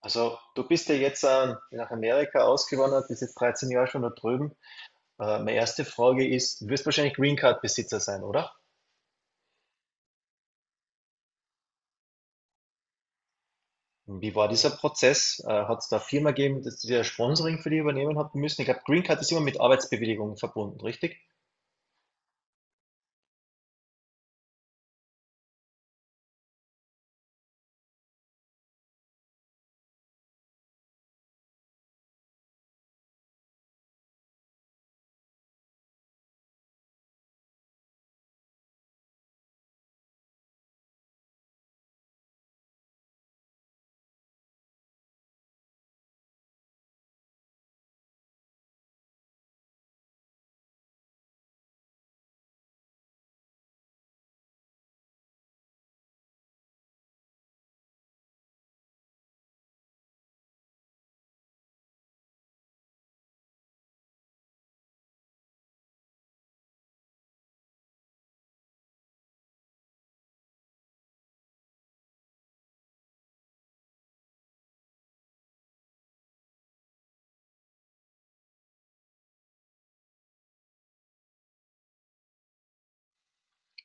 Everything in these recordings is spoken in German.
Also, du bist ja jetzt nach Amerika ausgewandert, bist jetzt 13 Jahre schon da drüben. Meine erste Frage ist, du wirst wahrscheinlich Green Card Besitzer sein, oder? Wie war dieser Prozess? Hat es da eine Firma gegeben, dass die das Sponsoring für dich übernehmen hat müssen? Ich glaube, Green Card ist immer mit Arbeitsbewilligung verbunden, richtig?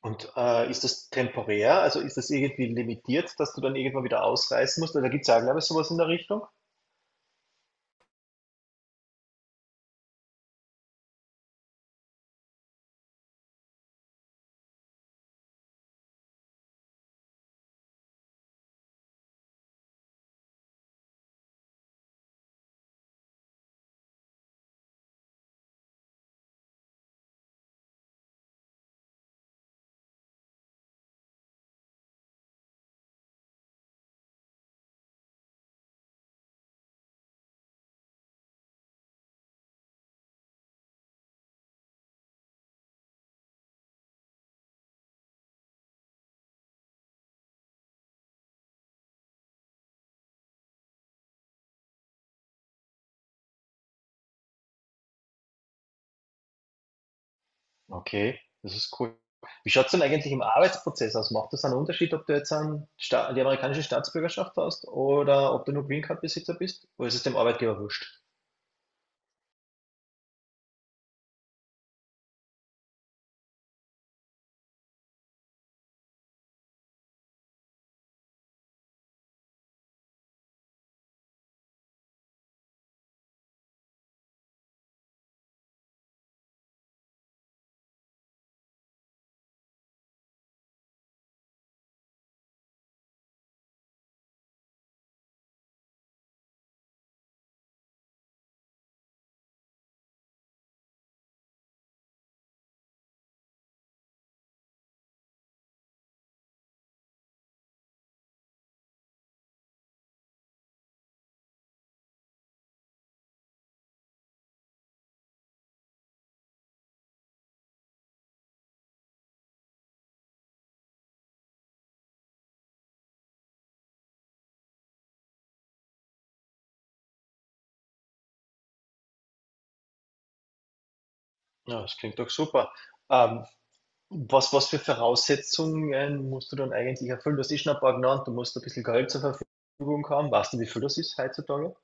Und ist das temporär? Also ist das irgendwie limitiert, dass du dann irgendwann wieder ausreisen musst? Oder da gibt es ja, glaube ich, sowas in der Richtung? Okay, das ist cool. Wie schaut es denn eigentlich im Arbeitsprozess aus? Macht das einen Unterschied, ob du jetzt einen Sta die amerikanische Staatsbürgerschaft hast oder ob du nur Green Card Besitzer bist? Oder ist es dem Arbeitgeber wurscht? Ja, das klingt doch super. Ähm, was für Voraussetzungen musst du dann eigentlich erfüllen? Du hast eh schon ein paar genannt, du musst ein bisschen Geld zur Verfügung haben. Weißt du, wie viel das ist heutzutage?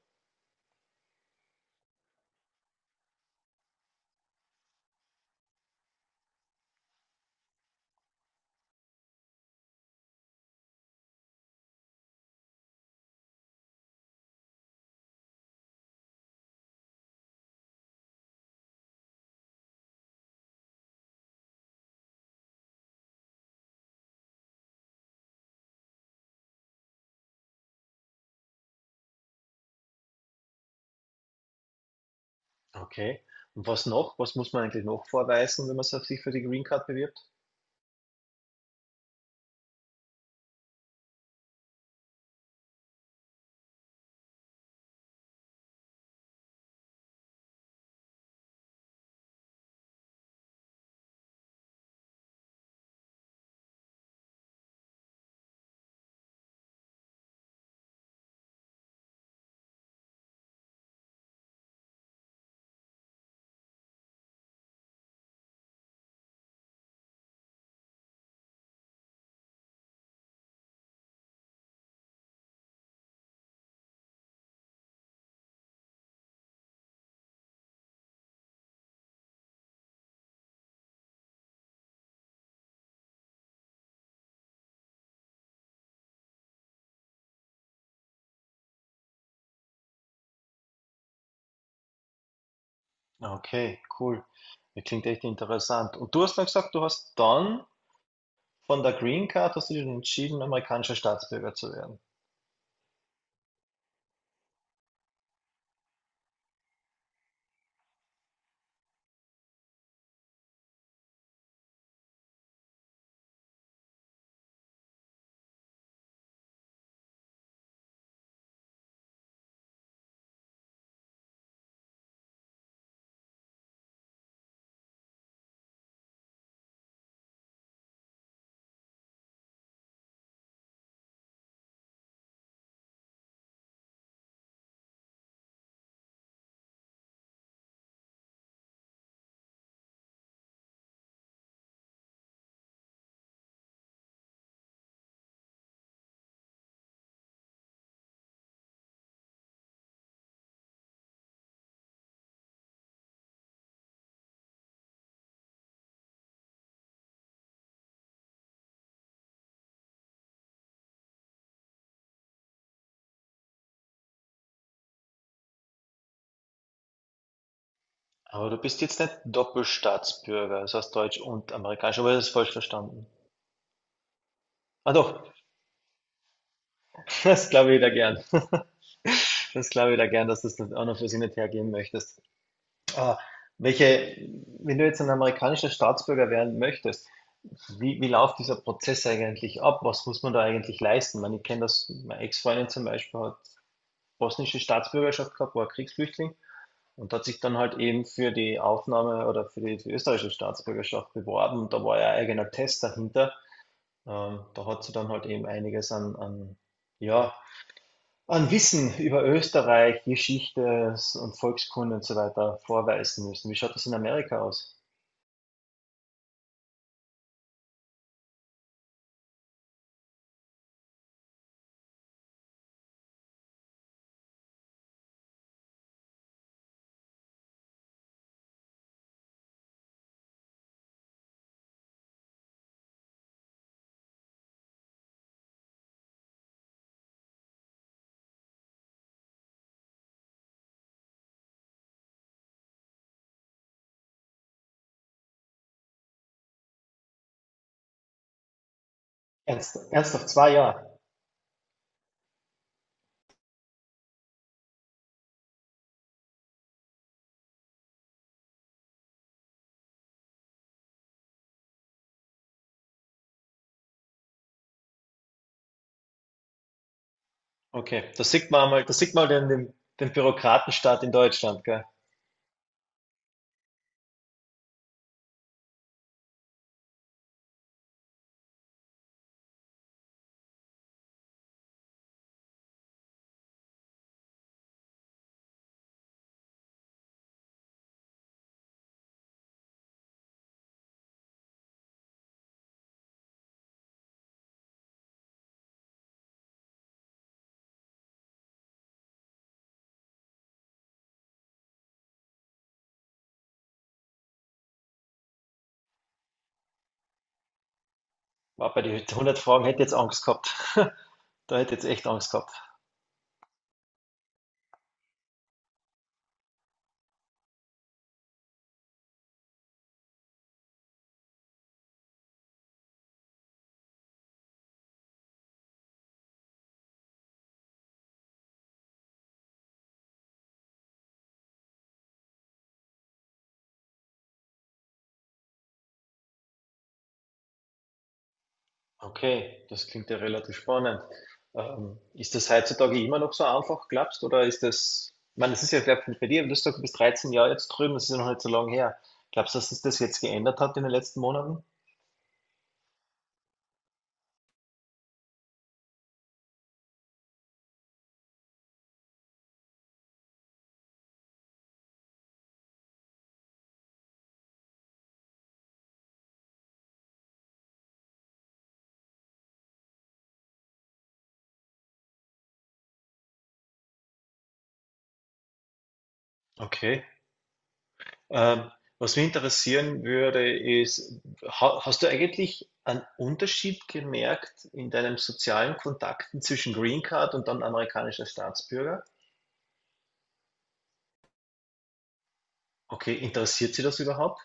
Okay. Und was noch? Was muss man eigentlich noch vorweisen, wenn man so sich für die Green Card bewirbt? Okay, cool. Das klingt echt interessant. Und du hast dann gesagt, du hast dann von der Green Card hast du dich entschieden, amerikanischer Staatsbürger zu werden. Aber du bist jetzt nicht Doppelstaatsbürger, das heißt deutsch und amerikanisch, aber das ist falsch verstanden. Ah doch, das glaube ich wieder gern. Das glaube ich wieder gern, dass du das auch noch für sie nicht hergeben möchtest. Ah, welche, wenn du jetzt ein amerikanischer Staatsbürger werden möchtest, wie läuft dieser Prozess eigentlich ab? Was muss man da eigentlich leisten? Ich kenne das, meine Ex-Freundin zum Beispiel hat bosnische Staatsbürgerschaft gehabt, war Kriegsflüchtling. Und hat sich dann halt eben für die Aufnahme oder für für die österreichische Staatsbürgerschaft beworben. Und da war ja ein eigener Test dahinter. Da hat sie dann halt eben einiges an, an, ja, an Wissen über Österreich, Geschichte und Volkskunde und so weiter vorweisen müssen. Wie schaut das in Amerika aus? Ernsthaft, zwei Jahre? Okay, da sieht man mal, da sieht man den Bürokratenstaat in Deutschland, gell? War bei den 100 Fragen hätte ich jetzt Angst gehabt. Da hätte ich jetzt echt Angst gehabt. Okay, das klingt ja relativ spannend. Ist das heutzutage immer noch so einfach, glaubst du, oder ist das, ich meine, das ist ja vielleicht bei dir, du hast gesagt, du bist 13 Jahre jetzt drüben, das ist ja noch nicht so lange her. Glaubst du, dass sich das jetzt geändert hat in den letzten Monaten? Okay. Ähm, was mich interessieren würde, ist, ha hast du eigentlich einen Unterschied gemerkt in deinen sozialen Kontakten zwischen Green Card und dann amerikanischer Staatsbürger? Okay, interessiert sie das überhaupt?